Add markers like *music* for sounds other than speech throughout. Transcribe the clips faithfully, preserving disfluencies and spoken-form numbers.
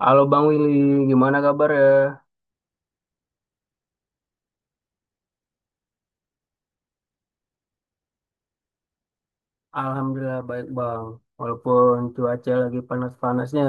Halo Bang Willy, gimana kabar ya? Alhamdulillah baik Bang. Walaupun cuaca lagi panas-panasnya,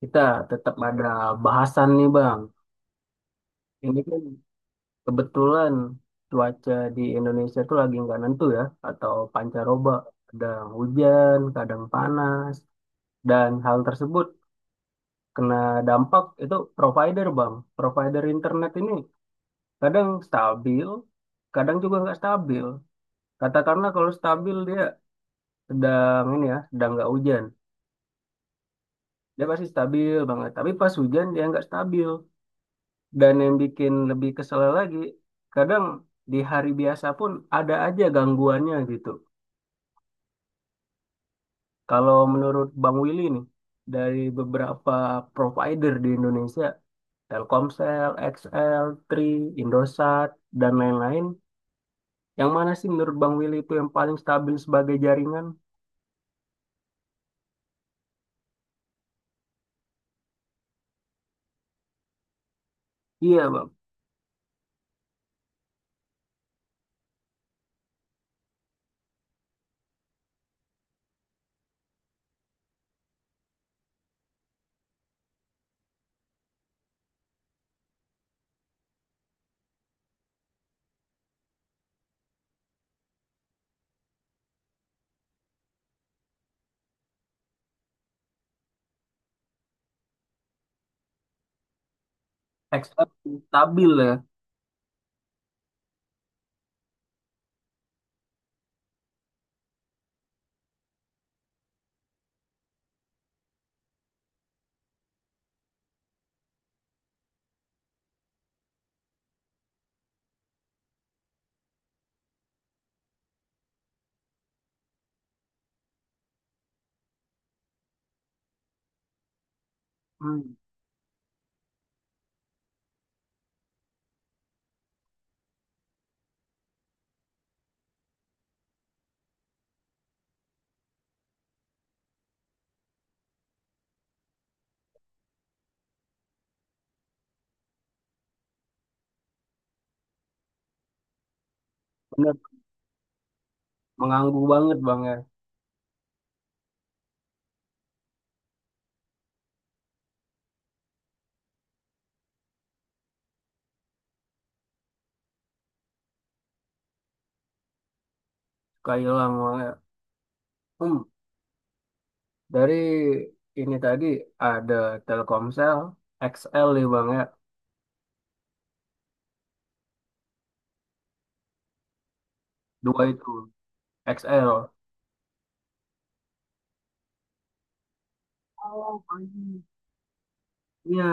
kita tetap ada bahasan nih Bang. Ini kan kebetulan cuaca di Indonesia tuh lagi nggak nentu ya, atau pancaroba. Kadang hujan, kadang panas. Dan hal tersebut kena dampak itu provider Bang. Provider internet ini kadang stabil, kadang juga nggak stabil. Katakanlah kalau stabil dia sedang ini ya, sedang nggak hujan. Dia pasti stabil banget. Tapi pas hujan dia nggak stabil. Dan yang bikin lebih kesel lagi, kadang di hari biasa pun ada aja gangguannya gitu. Kalau menurut Bang Willy nih, dari beberapa provider di Indonesia, Telkomsel, X L, Tri, Indosat, dan lain-lain, yang mana sih menurut Bang Willy itu yang paling stabil sebagai jaringan? Iya, Bang. X L stabil ya. Hmm, bener mengganggu banget bang ya, Kak Ilham. Hmm, dari ini tadi ada Telkomsel, X L nih Bang ya, dua itu, X L. Oh, pagi. Iya,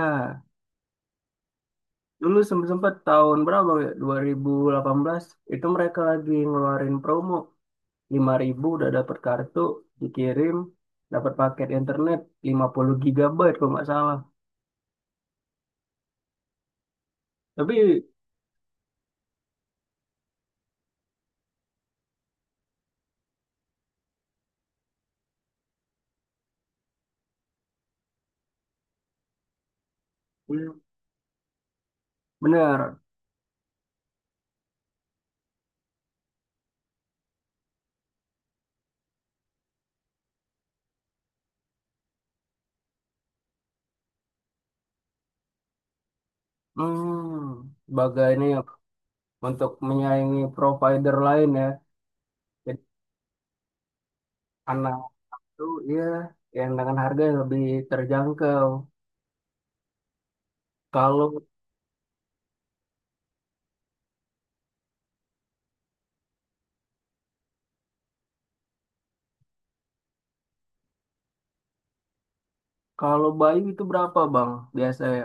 dulu sempat sempat tahun berapa Bang, ya, dua ribu delapan belas itu mereka lagi ngeluarin promo, lima ribu udah dapat kartu, dikirim, dapat paket internet lima puluh giga kalau nggak salah. Tapi hmm, bener, hmm, sebagai ini ya, untuk menyaingi provider lain ya, jadi anak itu iya yang dengan harga yang lebih terjangkau. Kalau kalau Bayu itu berapa Bang biasanya?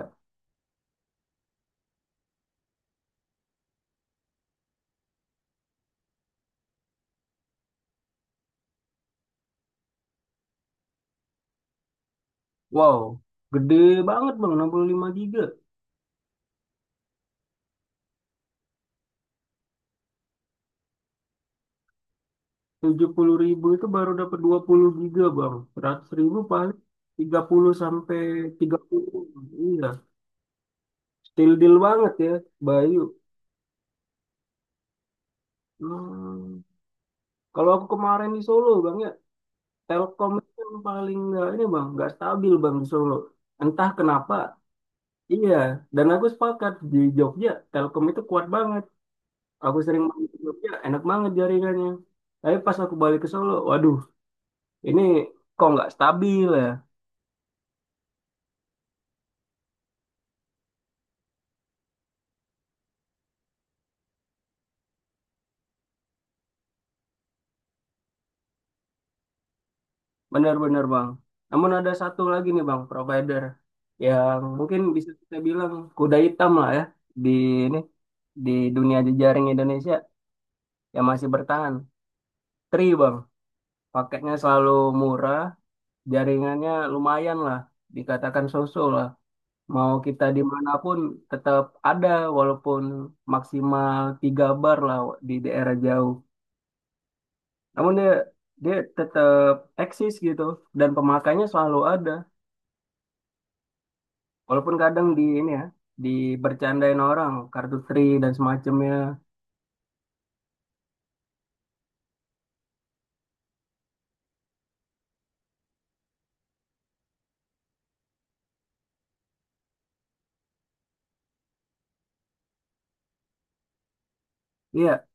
Wow, gede banget Bang enam puluh lima giga. Tujuh puluh ribu itu baru dapat dua puluh giga Bang. Seratus ribu paling tiga puluh sampai tiga puluh. Iya, still deal banget ya Bayu. Hmm. Kalau aku kemarin di Solo Bang ya, Telkom itu yang paling nggak ini Bang, nggak stabil Bang di Solo. Entah kenapa. Iya, dan aku sepakat di Jogja Telkom itu kuat banget. Aku sering main ke Jogja, enak banget jaringannya. Tapi pas aku balik ke Solo, waduh, ini kok nggak stabil ya? Benar-benar bang. Namun ada satu lagi nih bang, provider yang mungkin bisa kita bilang kuda hitam lah ya di ini di dunia jejaring Indonesia yang masih bertahan. Tri bang, paketnya selalu murah, jaringannya lumayan lah, dikatakan so-so lah. Mau kita dimanapun tetap ada walaupun maksimal tiga bar lah di daerah jauh. Namun dia dia tetap eksis gitu dan pemakainya selalu ada. Walaupun kadang di ini ya dibercandain orang kartu tri dan semacamnya. Iya,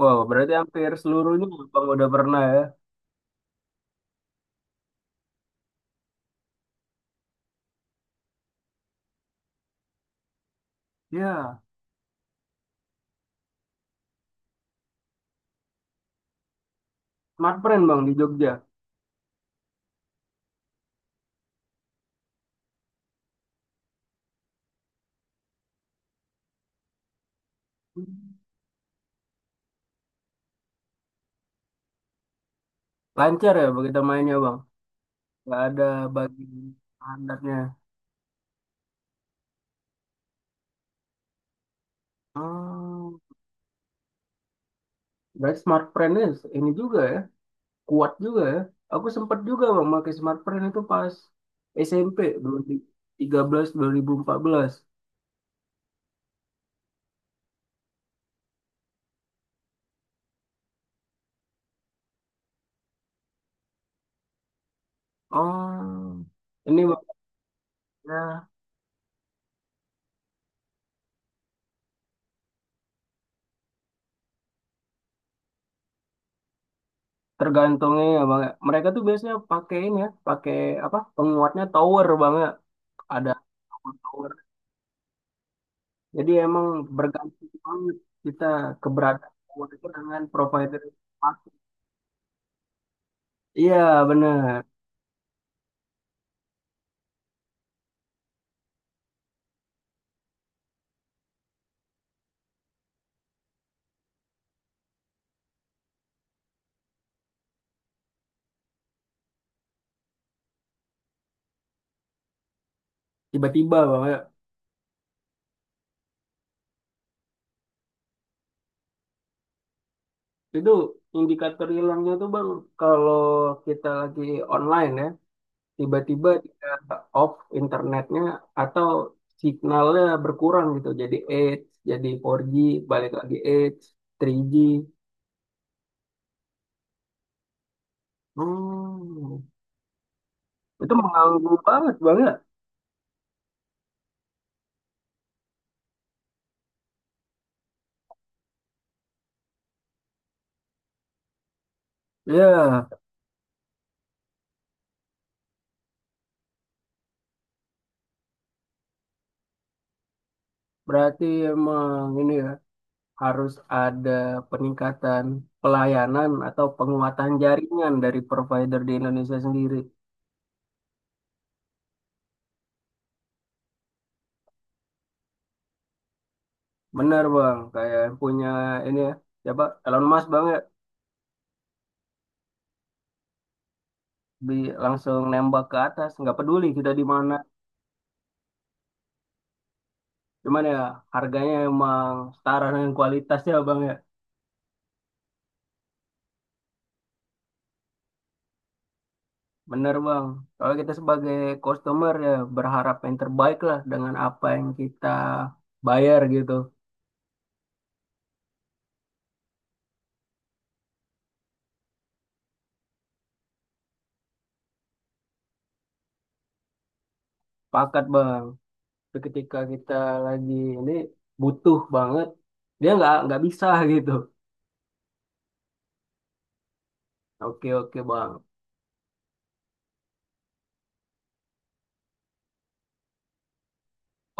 wow berarti hampir seluruhnya bang udah pernah ya. Iya, smartfren bang di Jogja. Lancar ya begitu mainnya bang. Gak ada bagi standarnya. Hmm, berarti smartfren ini juga ya. Kuat juga ya. Aku sempat juga bang pakai smartphone itu pas S M P dua ribu tiga belas dua ribu empat belas. Oh, ini maksudnya tergantungnya ya bang. Ya. Mereka tuh biasanya pakai ini ya, pakai apa? Penguatnya tower bang ya. Ada tower. Tower. Jadi emang bergantung banget kita keberadaan tower itu dengan provider. Yang pas. Iya bener. Tiba-tiba bang ya. Itu indikator hilangnya tuh bang kalau kita lagi online ya. Tiba-tiba dia off internetnya atau signalnya berkurang gitu jadi delapan jadi four G balik lagi delapan tiga G. hmm. Itu mengganggu banget banget ya, berarti emang ini ya harus ada peningkatan pelayanan atau penguatan jaringan dari provider di Indonesia sendiri. Benar bang, kayak yang punya ini ya, Coba Elon Musk banget. bi Langsung nembak ke atas, nggak peduli kita di mana. Cuman ya harganya emang setara dengan kualitasnya bang ya. Bener bang. Kalau kita sebagai customer ya berharap yang terbaik lah dengan apa yang kita bayar gitu. Pakat bang. Tapi ketika kita lagi ini butuh banget, dia nggak nggak bisa *laughs* gitu. Oke oke bang.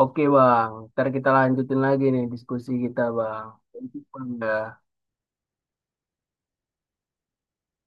Oke bang. Ntar kita lanjutin lagi nih diskusi kita bang. Thank you, Bang. Dah.